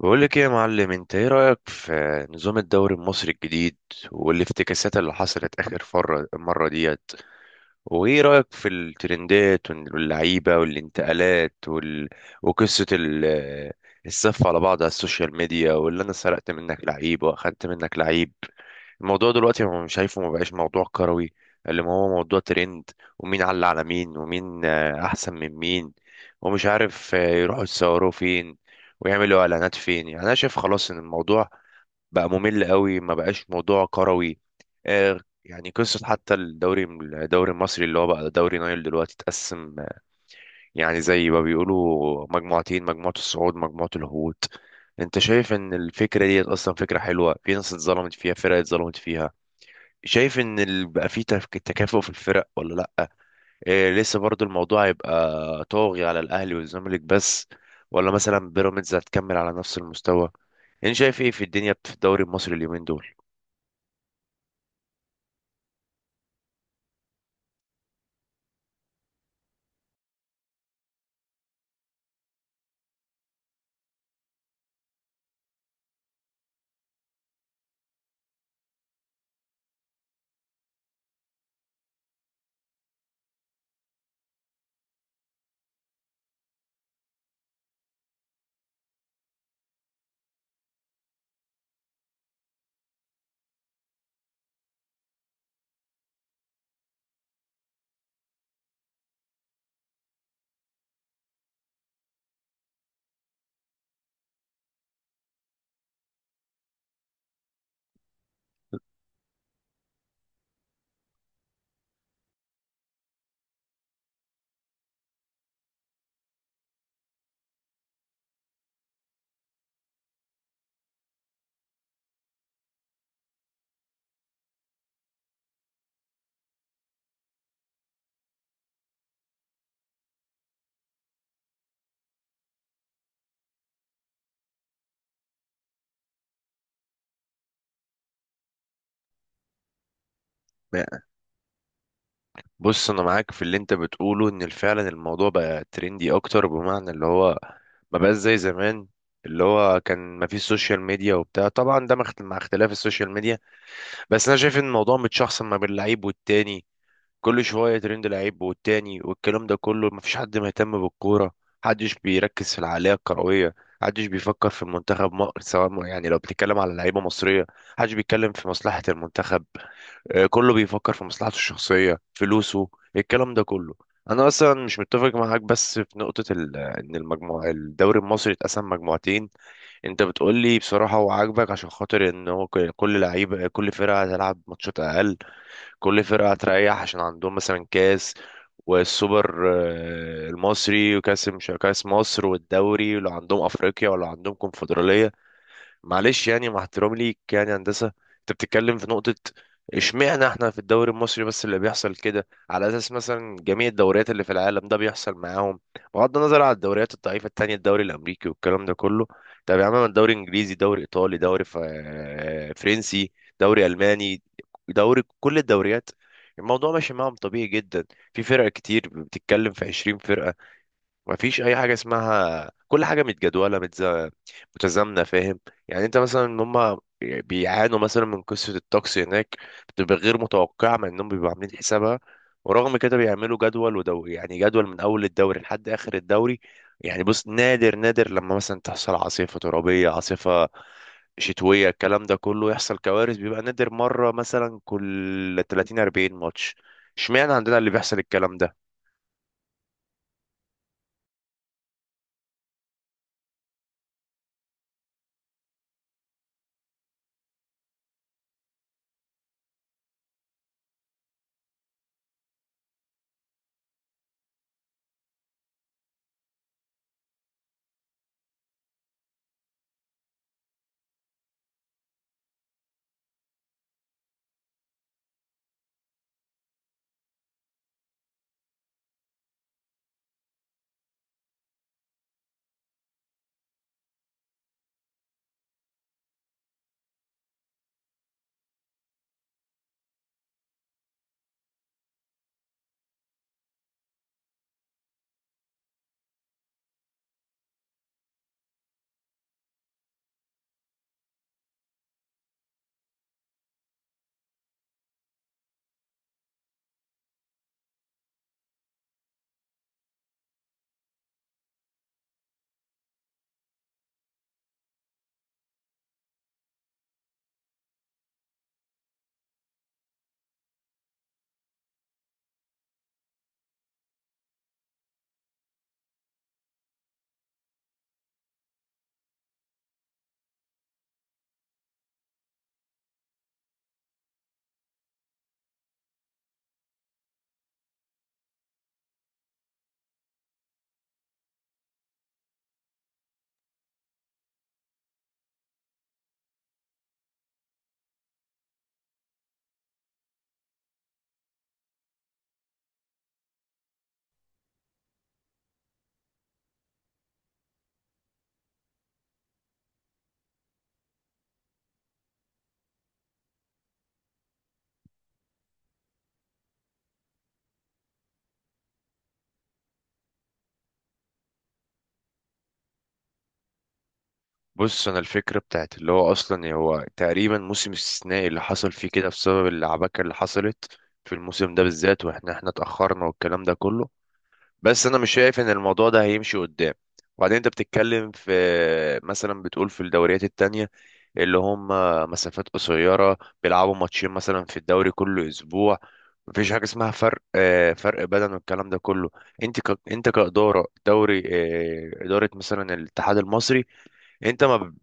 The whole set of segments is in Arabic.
بقول لك ايه يا معلم، انت ايه رأيك في نظام الدوري المصري الجديد والافتكاسات اللي حصلت اخر فرة مرة ديت؟ وايه رأيك في الترندات واللعيبة والانتقالات وقصة ال... الصف على بعض على السوشيال ميديا، واللي انا سرقت منك لعيب واخدت منك لعيب؟ الموضوع دلوقتي، هو مش شايفه، ما بقاش موضوع كروي، اللي ما هو موضوع ترند، ومين علق على مين، ومين احسن من مين، ومش عارف يروحوا يتصوروا فين ويعملوا اعلانات فين. يعني انا شايف خلاص ان الموضوع بقى ممل قوي، ما بقاش موضوع كروي. يعني قصة حتى الدوري المصري اللي هو بقى دوري نايل دلوقتي اتقسم، يعني زي ما بيقولوا، مجموعتين، مجموعة الصعود مجموعة الهبوط. انت شايف ان الفكرة دي اصلا فكرة حلوة؟ في ناس اتظلمت فيها، فرق اتظلمت فيها. شايف ان بقى في تكافؤ في الفرق ولا لا؟ إيه، لسه برضو الموضوع هيبقى طاغي على الاهلي والزمالك بس، ولا مثلا بيراميدز هتكمل على نفس المستوى؟ انت شايف ايه في الدنيا في الدوري المصري اليومين دول؟ بص، انا معاك في اللي انت بتقوله، ان فعلا الموضوع بقى ترندي اكتر، بمعنى اللي هو ما بقاش زي زمان، اللي هو كان ما فيش سوشيال ميديا وبتاع، طبعا ده مع مع اختلاف السوشيال ميديا. بس انا شايف ان الموضوع متشخصن ما بين اللعيب والتاني، كل شوية ترند لعيب والتاني والكلام ده كله، مفيش حد مهتم بالكورة، محدش بيركز في العقلية الكروية، محدش بيفكر في المنتخب، يعني لو بتتكلم على لعيبة مصرية، محدش بيتكلم في مصلحة المنتخب. كله بيفكر في مصلحته الشخصية، فلوسه، الكلام ده كله. أنا أصلا مش متفق معاك بس في نقطة إن المجموعة الدوري المصري اتقسم مجموعتين. أنت بتقولي بصراحة هو عاجبك، عشان خاطر إن هو كل لعيبة، كل فرقة هتلعب ماتشات أقل، كل فرقة هتريح، عشان عندهم مثلا كاس والسوبر المصري، وكاس، مش كاس مصر، والدوري، ولو عندهم افريقيا، ولو عندهم كونفدرالية. معلش يعني، مع احترامي ليك، يعني هندسه انت بتتكلم في نقطه. اشمعنى احنا في الدوري المصري بس اللي بيحصل كده، على اساس مثلا جميع الدوريات اللي في العالم ده بيحصل معاهم؟ بغض النظر على الدوريات الضعيفه التانية، الدوري الامريكي والكلام ده كله. طب يا عم، الدوري انجليزي، دوري ايطالي، دوري فرنسي، دوري الماني، دوري كل الدوريات، الموضوع ماشي معاهم طبيعي جدا. في فرق كتير، بتتكلم في 20 فرقة، مفيش اي حاجه اسمها كل حاجه متجدوله متزامنه، فاهم؟ يعني انت مثلا، ان هم بيعانوا مثلا من قصه الطقس هناك، بتبقى غير متوقعه مع انهم بيبقوا عاملين حسابها، ورغم كده بيعملوا جدول يعني جدول من اول الدوري لحد اخر الدوري. يعني بص، نادر نادر لما مثلا تحصل عاصفه ترابيه، عاصفه شتويه، الكلام ده كله، يحصل كوارث، بيبقى نادر، مره مثلا كل 30 40 ماتش. اشمعنى عندنا اللي بيحصل الكلام ده؟ بص، انا الفكره بتاعت اللي هو، اصلا هو تقريبا موسم استثنائي اللي حصل فيه كده، بسبب العباكه اللي حصلت في الموسم ده بالذات، واحنا اتاخرنا والكلام ده كله. بس انا مش شايف ان الموضوع ده هيمشي قدام. وبعدين انت بتتكلم في، مثلا بتقول في الدوريات التانية اللي هم مسافات قصيره، بيلعبوا ماتشين مثلا في الدوري كل اسبوع، مفيش حاجه اسمها فرق، فرق بدن والكلام ده كله. انت انت كاداره دوري، اداره مثلا الاتحاد المصري، انت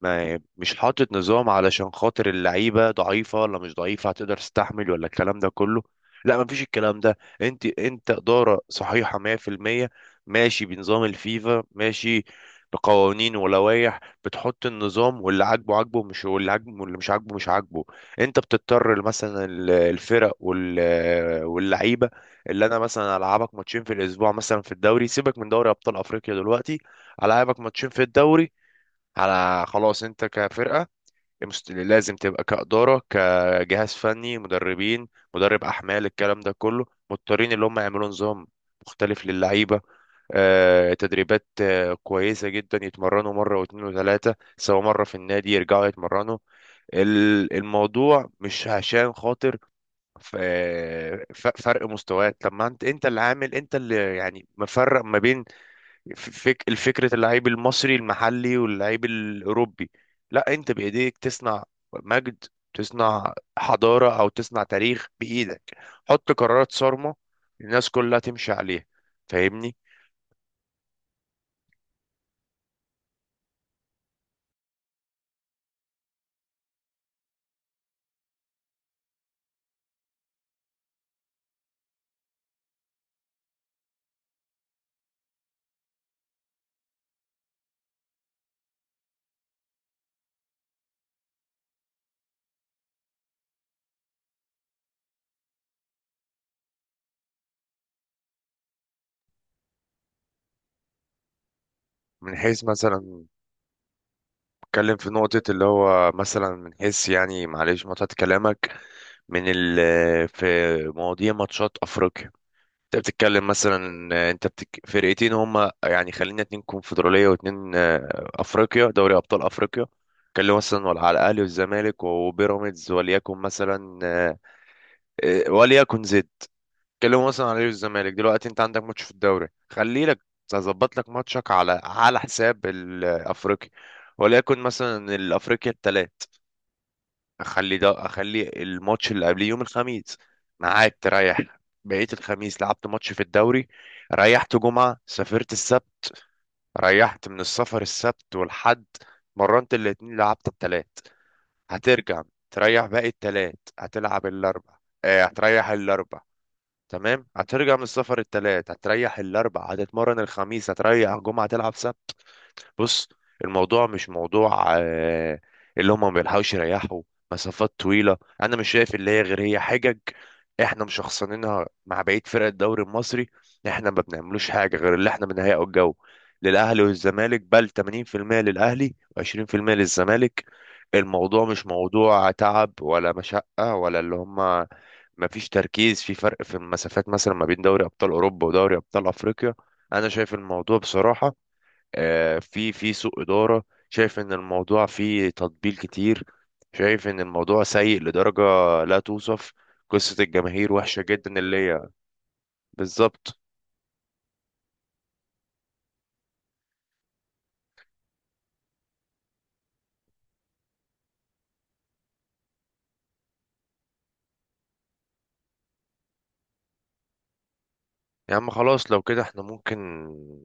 ما مش حاطط نظام علشان خاطر اللعيبه ضعيفه ولا مش ضعيفه، هتقدر تستحمل ولا الكلام ده كله. لا، ما فيش الكلام ده، انت اداره صحيحه 100%، ماشي بنظام الفيفا، ماشي بقوانين ولوائح، بتحط النظام، واللي عاجبه عاجبه، مش واللي عاجبه واللي مش عاجبه مش عاجبه. انت بتضطر مثلا الفرق واللعيبه اللي انا مثلا العبك ماتشين في الاسبوع، مثلا في الدوري سيبك من دوري ابطال افريقيا دلوقتي، العابك ماتشين في الدوري على. خلاص، انت كفرقة لازم تبقى كإدارة، كجهاز فني، مدربين، مدرب أحمال، الكلام ده كله، مضطرين اللي هم يعملوا نظام مختلف للعيبة. تدريبات كويسة جدا، يتمرنوا مرة واتنين وتلاتة، سواء مرة في النادي، يرجعوا يتمرنوا. الموضوع مش عشان خاطر فرق مستويات. طب ما انت اللي عامل، انت اللي يعني مفرق ما بين الفكرة، اللعيب المصري المحلي واللعيب الأوروبي. لا، أنت بإيديك تصنع مجد، تصنع حضارة، أو تصنع تاريخ بإيدك. حط قرارات صارمة الناس كلها تمشي عليها. فاهمني؟ من حيث مثلا، اتكلم في نقطة اللي هو مثلا من حيث، يعني معلش مقطعة كلامك، من ال في مواضيع ماتشات أفريقيا. انت بتتكلم مثلا ان انت فرقتين هما، يعني خلينا اتنين كونفدرالية واتنين افريقيا، دوري ابطال افريقيا كان مثلا، ولا على الاهلي والزمالك وبيراميدز، وليكن مثلا وليكن زد، كلموا مثلا على الاهلي والزمالك. دلوقتي انت عندك ماتش في الدوري، خلي لك، هظبط لك ماتشك على حساب الافريقي، وليكن مثلا الافريقيا الثلاث، اخلي الماتش اللي قبليه يوم الخميس ميعاد تريح. بقيت الخميس لعبت ماتش في الدوري، ريحت جمعة، سافرت السبت، ريحت من السفر السبت والحد، مرنت الاتنين، لعبت التلات، هترجع تريح باقي التلات، هتلعب الاربع، هتريح الاربع. تمام، هترجع من السفر التلات، هتريح الاربع، هتتمرن الخميس، هتريح جمعة، تلعب سبت. بص، الموضوع مش موضوع اللي هم ما بيلحقوش يريحوا، مسافات طويلة، أنا مش شايف اللي هي، غير هي حجج، إحنا مشخصنينها مع بقية فرق الدوري المصري. إحنا ما بنعملوش حاجة، غير اللي إحنا بنهيئه الجو للأهلي والزمالك، بل 80% للأهلي و20% للزمالك. الموضوع مش موضوع تعب ولا مشقة، ولا اللي هم ما فيش تركيز في فرق في المسافات مثلا ما بين دوري أبطال أوروبا ودوري أبطال أفريقيا. أنا شايف الموضوع بصراحة في سوء إدارة، شايف إن الموضوع فيه تطبيل كتير، شايف إن الموضوع سيء لدرجة لا توصف. قصة الجماهير وحشة جدا، اللي هي بالظبط. يا عم خلاص، لو كده احنا ممكن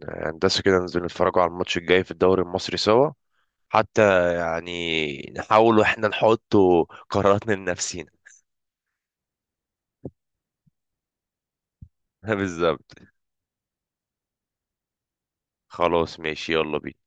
هندسة كده ننزل نتفرجوا على الماتش الجاي في الدوري المصري سوا، حتى يعني نحاول واحنا نحط قراراتنا لنفسينا. بالظبط، خلاص ماشي، يلا بينا.